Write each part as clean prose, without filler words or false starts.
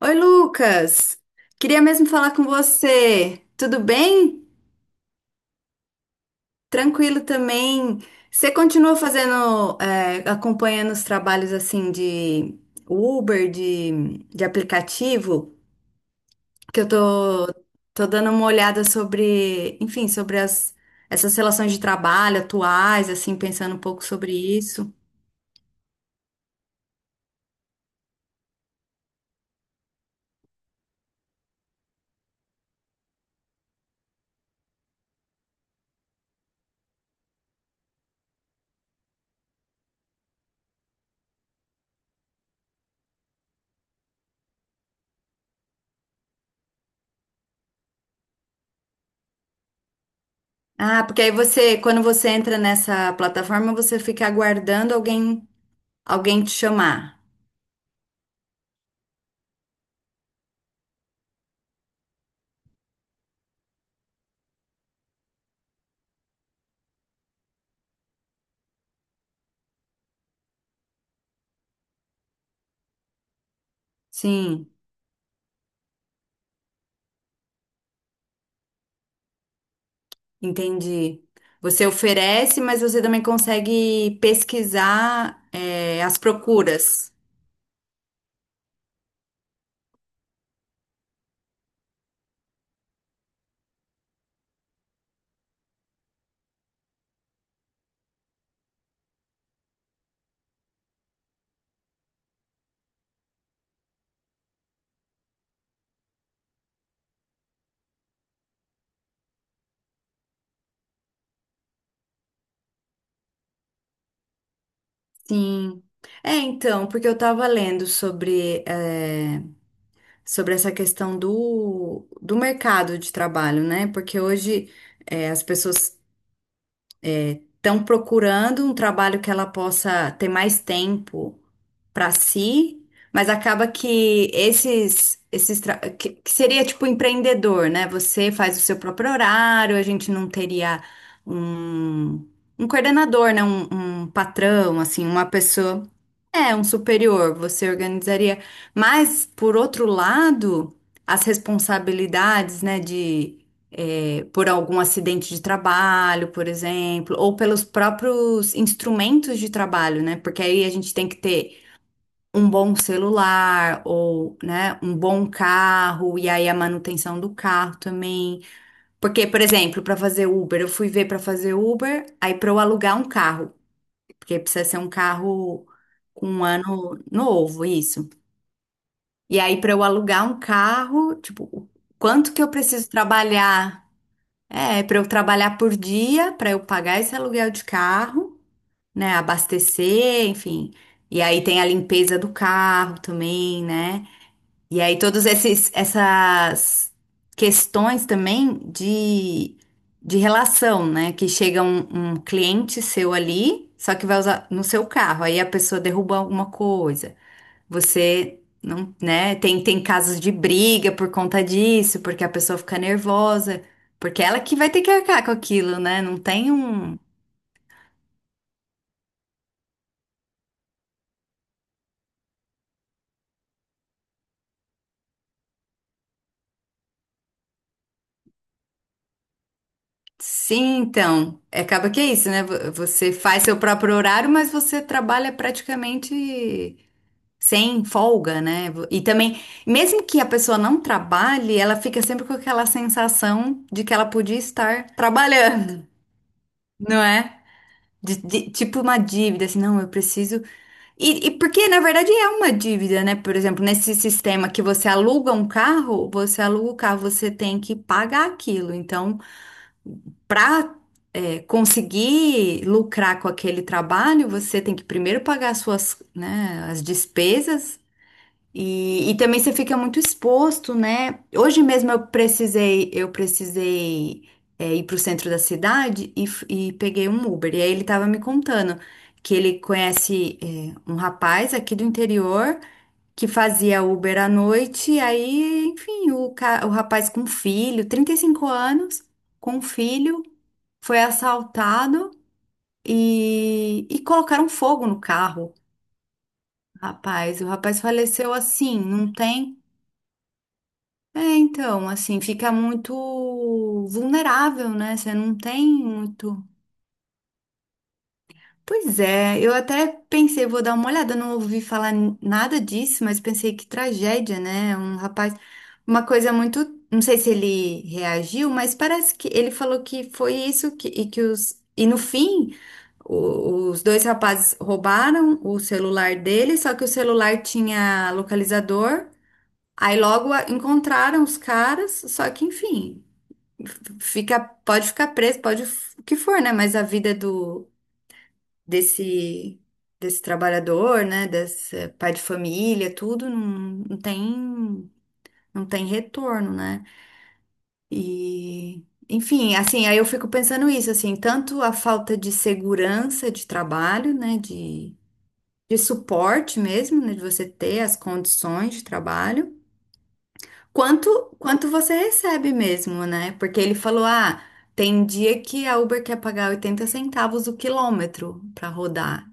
Oi, Lucas! Queria mesmo falar com você. Tudo bem? Tranquilo também. Você continua fazendo, acompanhando os trabalhos assim de Uber, de aplicativo? Que eu tô, tô dando uma olhada sobre, enfim, sobre as, essas relações de trabalho atuais, assim, pensando um pouco sobre isso. Ah, porque aí você, quando você entra nessa plataforma, você fica aguardando alguém, alguém te chamar. Sim. Entendi. Você oferece, mas você também consegue pesquisar, é, as procuras. Sim. É, então, porque eu estava lendo sobre, sobre essa questão do, do mercado de trabalho, né? Porque hoje, é, as pessoas estão procurando um trabalho que ela possa ter mais tempo, para si, mas acaba que que seria tipo empreendedor, né? Você faz o seu próprio horário, a gente não teria um, um coordenador, né? Um patrão, assim, uma pessoa. É, um superior, você organizaria. Mas, por outro lado, as responsabilidades, né, de, é, por algum acidente de trabalho, por exemplo, ou pelos próprios instrumentos de trabalho, né? Porque aí a gente tem que ter um bom celular ou, né, um bom carro e aí a manutenção do carro também. Porque, por exemplo, para fazer Uber, eu fui ver para fazer Uber, aí para eu alugar um carro, porque precisa ser um carro com um ano novo, isso. E aí para eu alugar um carro, tipo, o quanto que eu preciso trabalhar? É, para eu trabalhar por dia, para eu pagar esse aluguel de carro, né, abastecer, enfim. E aí tem a limpeza do carro também, né? E aí essas questões também de relação, né? Que chega um, um cliente seu ali, só que vai usar no seu carro, aí a pessoa derruba alguma coisa. Você não, né? Tem, tem casos de briga por conta disso, porque a pessoa fica nervosa, porque ela que vai ter que arcar com aquilo, né? Não tem um. Sim, então, é, acaba que é isso, né? Você faz seu próprio horário, mas você trabalha praticamente sem folga, né? E também, mesmo que a pessoa não trabalhe, ela fica sempre com aquela sensação de que ela podia estar trabalhando, não é? Tipo uma dívida, assim, não, eu preciso. E porque, na verdade, é uma dívida, né? Por exemplo, nesse sistema que você aluga um carro, você aluga o carro, você tem que pagar aquilo. Então, para conseguir lucrar com aquele trabalho, você tem que primeiro pagar as suas, né, as despesas. E também você fica muito exposto, né? Hoje mesmo eu precisei ir para o centro da cidade e peguei um Uber. E aí ele estava me contando que ele conhece é, um rapaz aqui do interior que fazia Uber à noite. E aí, enfim, o rapaz com filho, 35 anos, com filho, foi assaltado e colocaram fogo no carro. Rapaz, o rapaz faleceu assim, não tem. É, então, assim, fica muito vulnerável, né? Você não tem muito. Pois é, eu até pensei, vou dar uma olhada, não ouvi falar nada disso, mas pensei que tragédia, né? Um rapaz, uma coisa muito, não sei se ele reagiu, mas parece que ele falou que foi isso que, e que os e no fim os dois rapazes roubaram o celular dele, só que o celular tinha localizador. Aí logo encontraram os caras, só que enfim, fica, pode ficar preso, pode o que for, né? Mas a vida do desse desse trabalhador, né? Desse pai de família, tudo não, não tem não tem retorno, né? E enfim, assim, aí eu fico pensando isso, assim, tanto a falta de segurança de trabalho, né? De suporte mesmo, né? De você ter as condições de trabalho. Quanto, quanto você recebe mesmo, né? Porque ele falou, ah, tem dia que a Uber quer pagar 80 centavos o quilômetro pra rodar.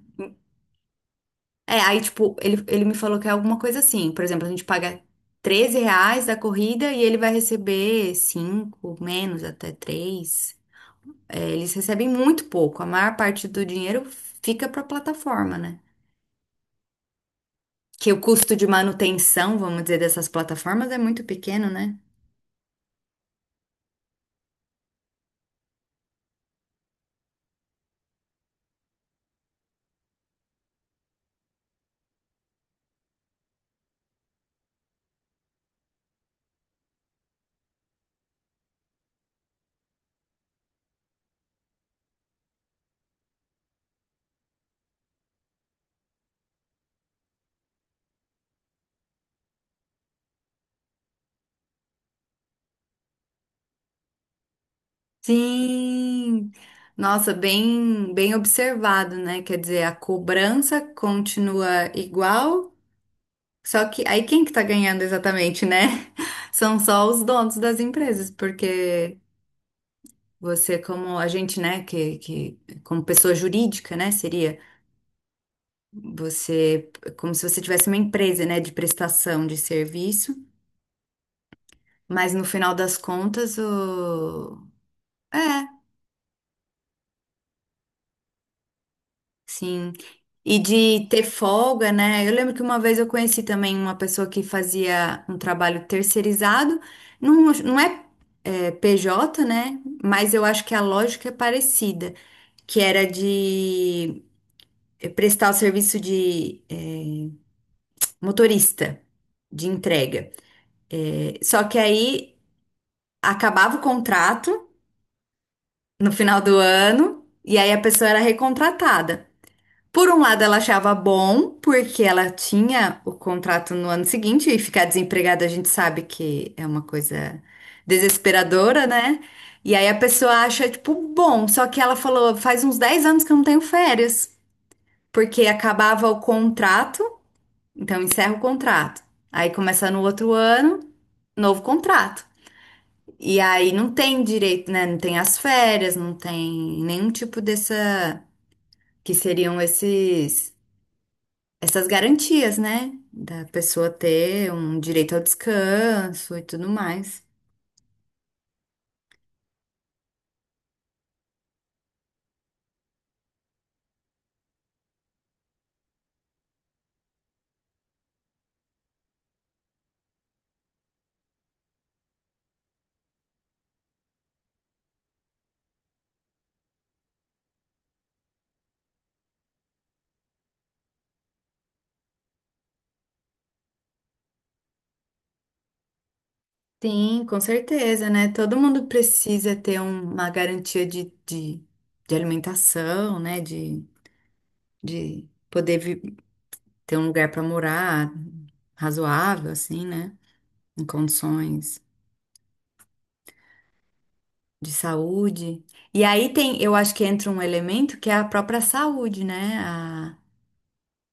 É, aí, tipo, ele me falou que é alguma coisa assim. Por exemplo, a gente paga 13 reais da corrida e ele vai receber 5, menos, até três. É, eles recebem muito pouco. A maior parte do dinheiro fica pra plataforma, né? Que o custo de manutenção, vamos dizer, dessas plataformas é muito pequeno, né? Sim, nossa, bem observado, né? Quer dizer, a cobrança continua igual, só que aí quem que tá ganhando exatamente, né? São só os donos das empresas, porque você, como a gente, né, que como pessoa jurídica, né, seria você como se você tivesse uma empresa, né, de prestação de serviço, mas no final das contas, o... é, sim. E de ter folga, né? Eu lembro que uma vez eu conheci também uma pessoa que fazia um trabalho terceirizado. Não, não é, é, PJ, né? Mas eu acho que a lógica é parecida, que era de eh, prestar o serviço de eh, motorista de entrega. Eh, só que aí acabava o contrato no final do ano e aí a pessoa era recontratada. Por um lado, ela achava bom, porque ela tinha o contrato no ano seguinte, e ficar desempregada a gente sabe que é uma coisa desesperadora, né? E aí a pessoa acha, tipo, bom, só que ela falou, faz uns 10 anos que eu não tenho férias, porque acabava o contrato, então encerra o contrato. Aí começa no outro ano, novo contrato. E aí não tem direito, né? Não tem as férias, não tem nenhum tipo dessa, que seriam esses essas garantias, né? Da pessoa ter um direito ao descanso e tudo mais. Sim, com certeza, né? Todo mundo precisa ter uma garantia de alimentação, né? De, de poder vi- ter um lugar para morar razoável, assim, né? Em condições de saúde. E aí tem, eu acho que entra um elemento que é a própria saúde, né?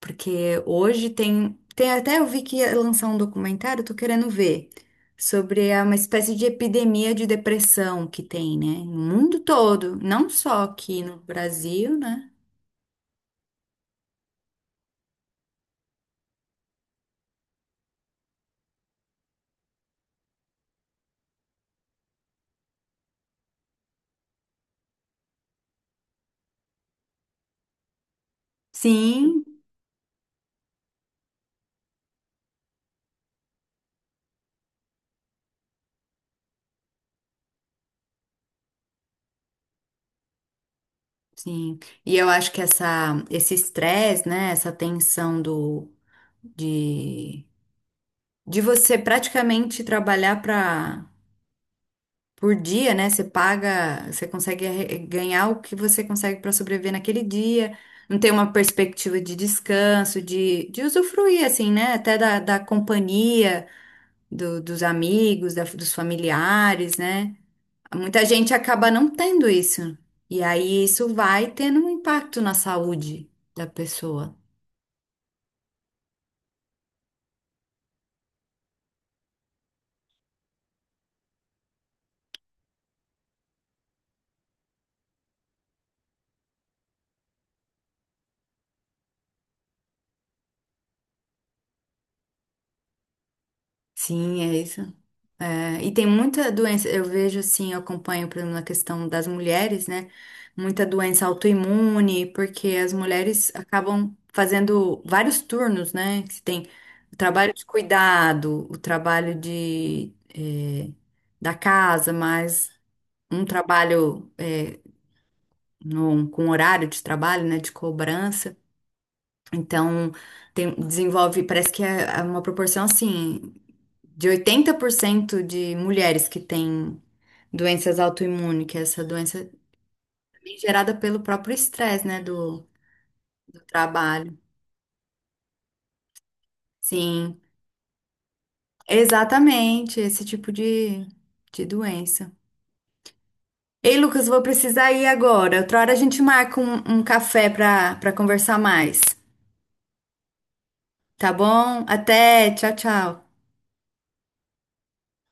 Porque hoje tem, tem até eu vi que ia lançar um documentário, tô querendo ver, sobre uma espécie de epidemia de depressão que tem, né? No mundo todo, não só aqui no Brasil, né? Sim, sim. E eu acho que essa, esse estresse, né? Essa tensão do, de, de você praticamente trabalhar para por dia, né? Você paga, você consegue ganhar o que você consegue para sobreviver naquele dia. Não tem uma perspectiva de descanso, de usufruir, assim, né? Até da, da companhia, dos amigos, dos familiares, né? Muita gente acaba não tendo isso. E aí isso vai tendo um impacto na saúde da pessoa. Sim, é isso. É, e tem muita doença, eu vejo assim, eu acompanho, por exemplo, na questão das mulheres, né? Muita doença autoimune, porque as mulheres acabam fazendo vários turnos, né? Que tem o trabalho de cuidado, o trabalho de, eh, da casa, mas um trabalho, eh, com horário de trabalho, né? De cobrança. Então, desenvolve, parece que é uma proporção assim de 80% de mulheres que têm doenças autoimunes, que é essa doença é gerada pelo próprio estresse, né, do, do trabalho. Sim, exatamente, esse tipo de doença. Ei, Lucas, vou precisar ir agora. Outra hora a gente marca um, um café para para conversar mais, tá bom? Até, tchau, tchau.